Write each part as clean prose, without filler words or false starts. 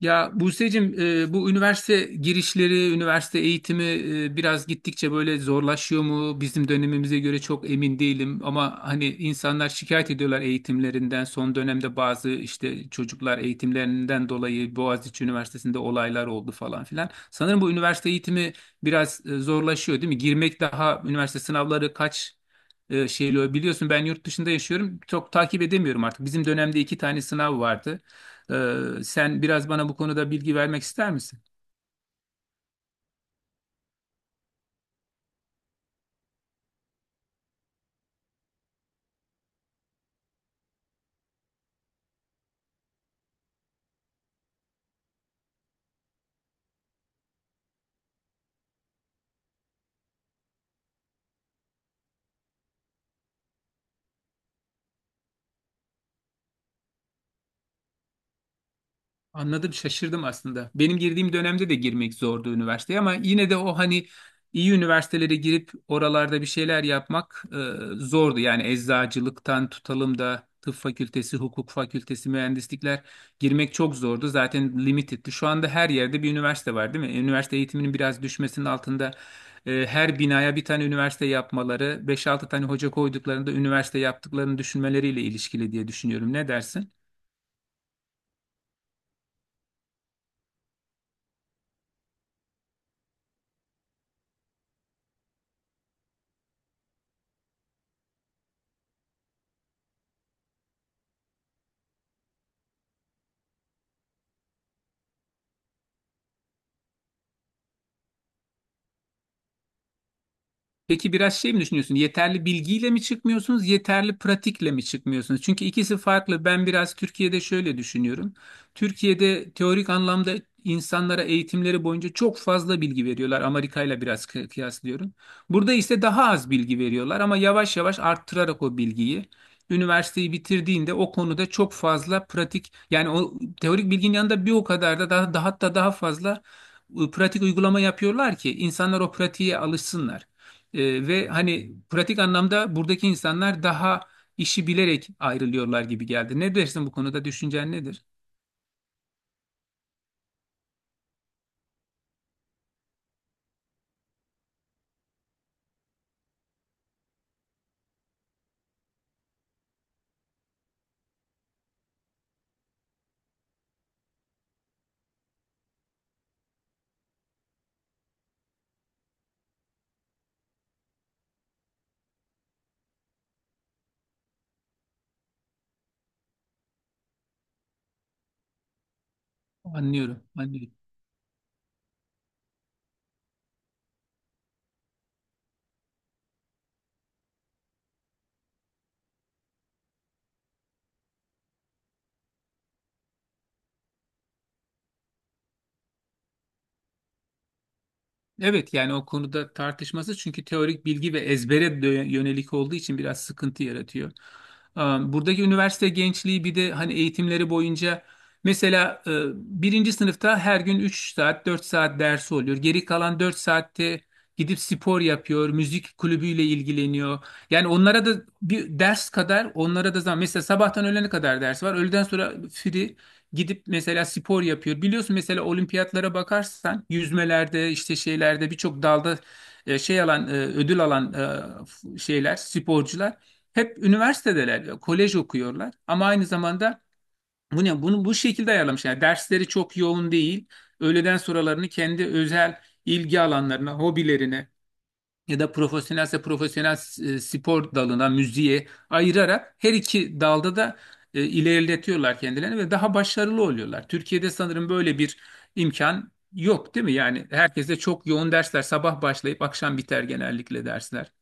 Ya Buse'cim bu üniversite girişleri, üniversite eğitimi biraz gittikçe böyle zorlaşıyor mu? Bizim dönemimize göre çok emin değilim ama hani insanlar şikayet ediyorlar eğitimlerinden. Son dönemde bazı işte çocuklar eğitimlerinden dolayı Boğaziçi Üniversitesi'nde olaylar oldu falan filan. Sanırım bu üniversite eğitimi biraz zorlaşıyor değil mi? Girmek daha üniversite sınavları kaç. Şeyle biliyorsun, ben yurt dışında yaşıyorum. Çok takip edemiyorum artık. Bizim dönemde iki tane sınav vardı. Ee, Sen biraz bana bu konuda bilgi vermek ister misin? Anladım, şaşırdım aslında. Benim girdiğim dönemde de girmek zordu üniversiteye ama yine de o hani iyi üniversitelere girip oralarda bir şeyler yapmak zordu. Yani eczacılıktan tutalım da tıp fakültesi, hukuk fakültesi, mühendislikler girmek çok zordu. Zaten limited'ti. Şu anda her yerde bir üniversite var, değil mi? Üniversite eğitiminin biraz düşmesinin altında her binaya bir tane üniversite yapmaları, beş altı tane hoca koyduklarında üniversite yaptıklarını düşünmeleriyle ilişkili diye düşünüyorum. Ne dersin? Peki biraz şey mi düşünüyorsun? Yeterli bilgiyle mi çıkmıyorsunuz, yeterli pratikle mi çıkmıyorsunuz? Çünkü ikisi farklı. Ben biraz Türkiye'de şöyle düşünüyorum. Türkiye'de teorik anlamda insanlara eğitimleri boyunca çok fazla bilgi veriyorlar. Amerika ile biraz kıyaslıyorum. Burada ise daha az bilgi veriyorlar ama yavaş yavaş arttırarak o bilgiyi. Üniversiteyi bitirdiğinde o konuda çok fazla pratik yani o teorik bilginin yanında bir o kadar da daha hatta daha fazla pratik uygulama yapıyorlar ki insanlar o pratiğe alışsınlar. Ve hani pratik anlamda buradaki insanlar daha işi bilerek ayrılıyorlar gibi geldi. Ne dersin bu konuda? Düşüncen nedir? Anlıyorum, anlıyorum. Evet, yani o konuda tartışması çünkü teorik bilgi ve ezbere yönelik olduğu için biraz sıkıntı yaratıyor. Buradaki üniversite gençliği bir de hani eğitimleri boyunca mesela birinci sınıfta her gün 3 saat 4 saat dersi oluyor. Geri kalan 4 saatte gidip spor yapıyor, müzik kulübüyle ilgileniyor. Yani onlara da bir ders kadar onlara da zaman, mesela sabahtan öğlene kadar ders var. Öğleden sonra free. Gidip mesela spor yapıyor. Biliyorsun, mesela olimpiyatlara bakarsan yüzmelerde işte şeylerde birçok dalda şey alan ödül alan şeyler sporcular hep üniversitedeler, kolej okuyorlar ama aynı zamanda bu ne bunu bu şekilde ayarlamış. Yani dersleri çok yoğun değil. Öğleden sonralarını kendi özel ilgi alanlarına, hobilerine ya da profesyonelse profesyonel spor dalına, müziğe ayırarak her iki dalda da ilerletiyorlar kendilerini ve daha başarılı oluyorlar. Türkiye'de sanırım böyle bir imkan yok, değil mi? Yani herkese çok yoğun dersler, sabah başlayıp akşam biter genellikle dersler.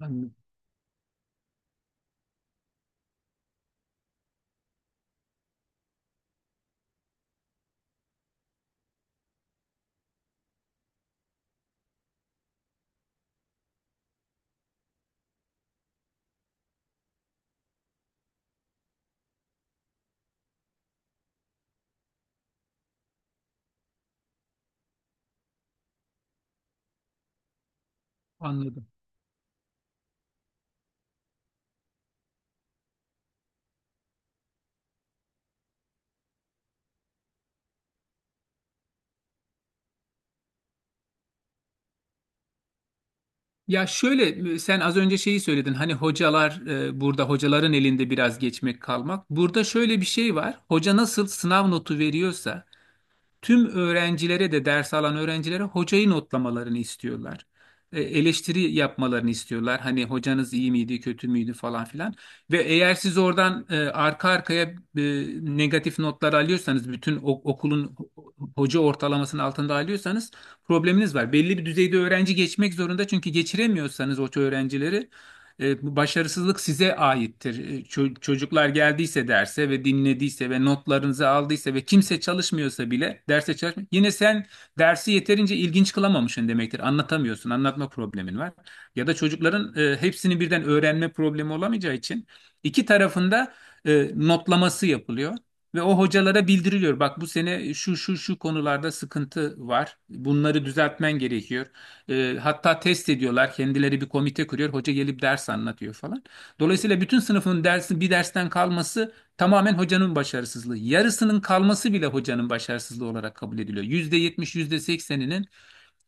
Anladım. Anladım. Ya şöyle, sen az önce şeyi söyledin, hani hocalar burada hocaların elinde biraz geçmek kalmak. Burada şöyle bir şey var. Hoca nasıl sınav notu veriyorsa tüm öğrencilere de, ders alan öğrencilere, hocayı notlamalarını istiyorlar. Eleştiri yapmalarını istiyorlar. Hani hocanız iyi miydi, kötü müydü falan filan. Ve eğer siz oradan arka arkaya e, negatif notlar alıyorsanız, bütün okulun hoca ortalamasının altında alıyorsanız probleminiz var. Belli bir düzeyde öğrenci geçmek zorunda çünkü geçiremiyorsanız o öğrencileri, bu başarısızlık size aittir. Çocuklar geldiyse derse ve dinlediyse ve notlarınızı aldıysa ve kimse çalışmıyorsa bile derse çalışma, yine sen dersi yeterince ilginç kılamamışsın demektir. Anlatamıyorsun, anlatma problemin var. Ya da çocukların hepsini birden öğrenme problemi olamayacağı için iki tarafında notlaması yapılıyor. Ve o hocalara bildiriliyor: bak bu sene şu şu şu konularda sıkıntı var, bunları düzeltmen gerekiyor. Hatta test ediyorlar. Kendileri bir komite kuruyor. Hoca gelip ders anlatıyor falan. Dolayısıyla bütün sınıfın dersi, bir dersten kalması tamamen hocanın başarısızlığı. Yarısının kalması bile hocanın başarısızlığı olarak kabul ediliyor. %70,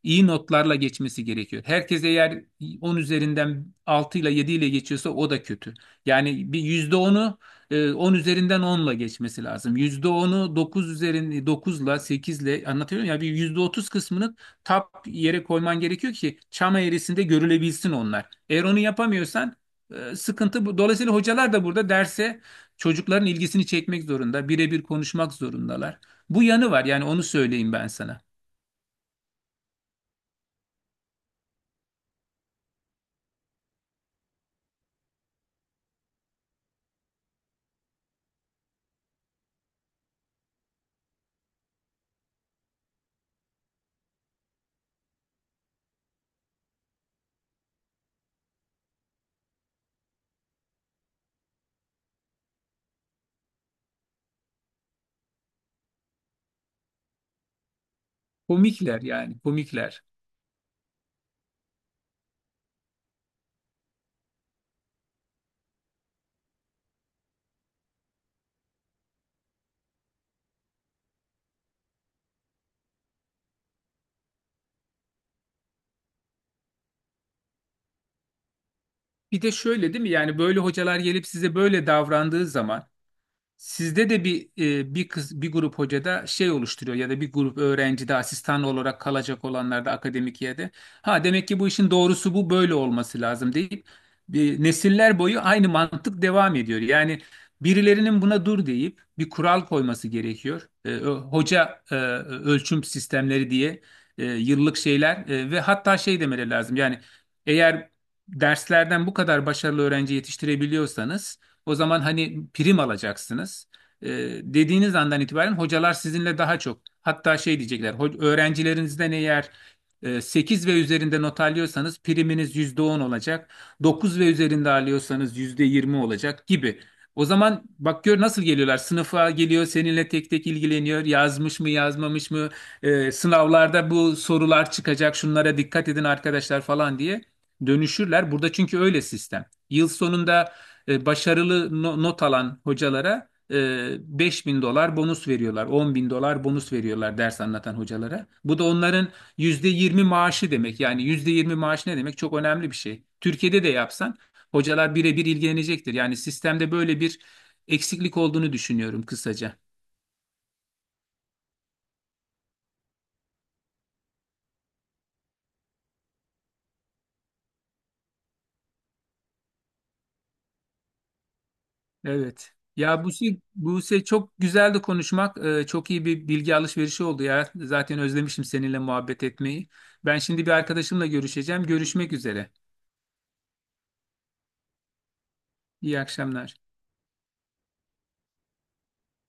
iyi notlarla geçmesi gerekiyor. Herkes eğer 10 üzerinden 6 ile 7 ile geçiyorsa o da kötü. Yani bir %10'u 10 üzerinden 10'la geçmesi lazım. %10'u 9 üzerinde 9'la 8'le, anlatıyorum ya, bir %30 kısmını tap yere koyman gerekiyor ki çam eğrisinde görülebilsin onlar. Eğer onu yapamıyorsan sıkıntı bu. Dolayısıyla hocalar da burada derse çocukların ilgisini çekmek zorunda, birebir konuşmak zorundalar. Bu yanı var, yani onu söyleyeyim ben sana. Komikler yani, komikler. Bir de şöyle değil mi? Yani böyle hocalar gelip size böyle davrandığı zaman sizde de bir, bir kız bir grup hoca da şey oluşturuyor ya da bir grup öğrenci de, asistan olarak kalacak olanlar da akademik yerde, ha demek ki bu işin doğrusu bu, böyle olması lazım deyip bir nesiller boyu aynı mantık devam ediyor. Yani birilerinin buna dur deyip bir kural koyması gerekiyor. Hoca ölçüm sistemleri diye yıllık şeyler ve hatta şey demeleri lazım. Yani eğer derslerden bu kadar başarılı öğrenci yetiştirebiliyorsanız, o zaman hani prim alacaksınız. E, Dediğiniz andan itibaren hocalar sizinle daha çok, hatta şey diyecekler: Öğrencilerinizden eğer 8 ve üzerinde not alıyorsanız priminiz %10 olacak, 9 ve üzerinde alıyorsanız %20 olacak" gibi. O zaman bak gör nasıl geliyorlar. Sınıfa geliyor, seninle tek tek ilgileniyor. Yazmış mı, yazmamış mı? Sınavlarda bu sorular çıkacak, şunlara dikkat edin arkadaşlar falan diye dönüşürler. Burada çünkü öyle sistem. Yıl sonunda başarılı not alan hocalara 5.000 dolar bonus veriyorlar. 10 bin dolar bonus veriyorlar ders anlatan hocalara. Bu da onların %20 maaşı demek. Yani %20 maaş ne demek? Çok önemli bir şey. Türkiye'de de yapsan hocalar birebir ilgilenecektir. Yani sistemde böyle bir eksiklik olduğunu düşünüyorum kısaca. Evet. Ya Buse. Çok güzeldi konuşmak. Çok iyi bir bilgi alışverişi oldu ya. Zaten özlemişim seninle muhabbet etmeyi. Ben şimdi bir arkadaşımla görüşeceğim. Görüşmek üzere. İyi akşamlar.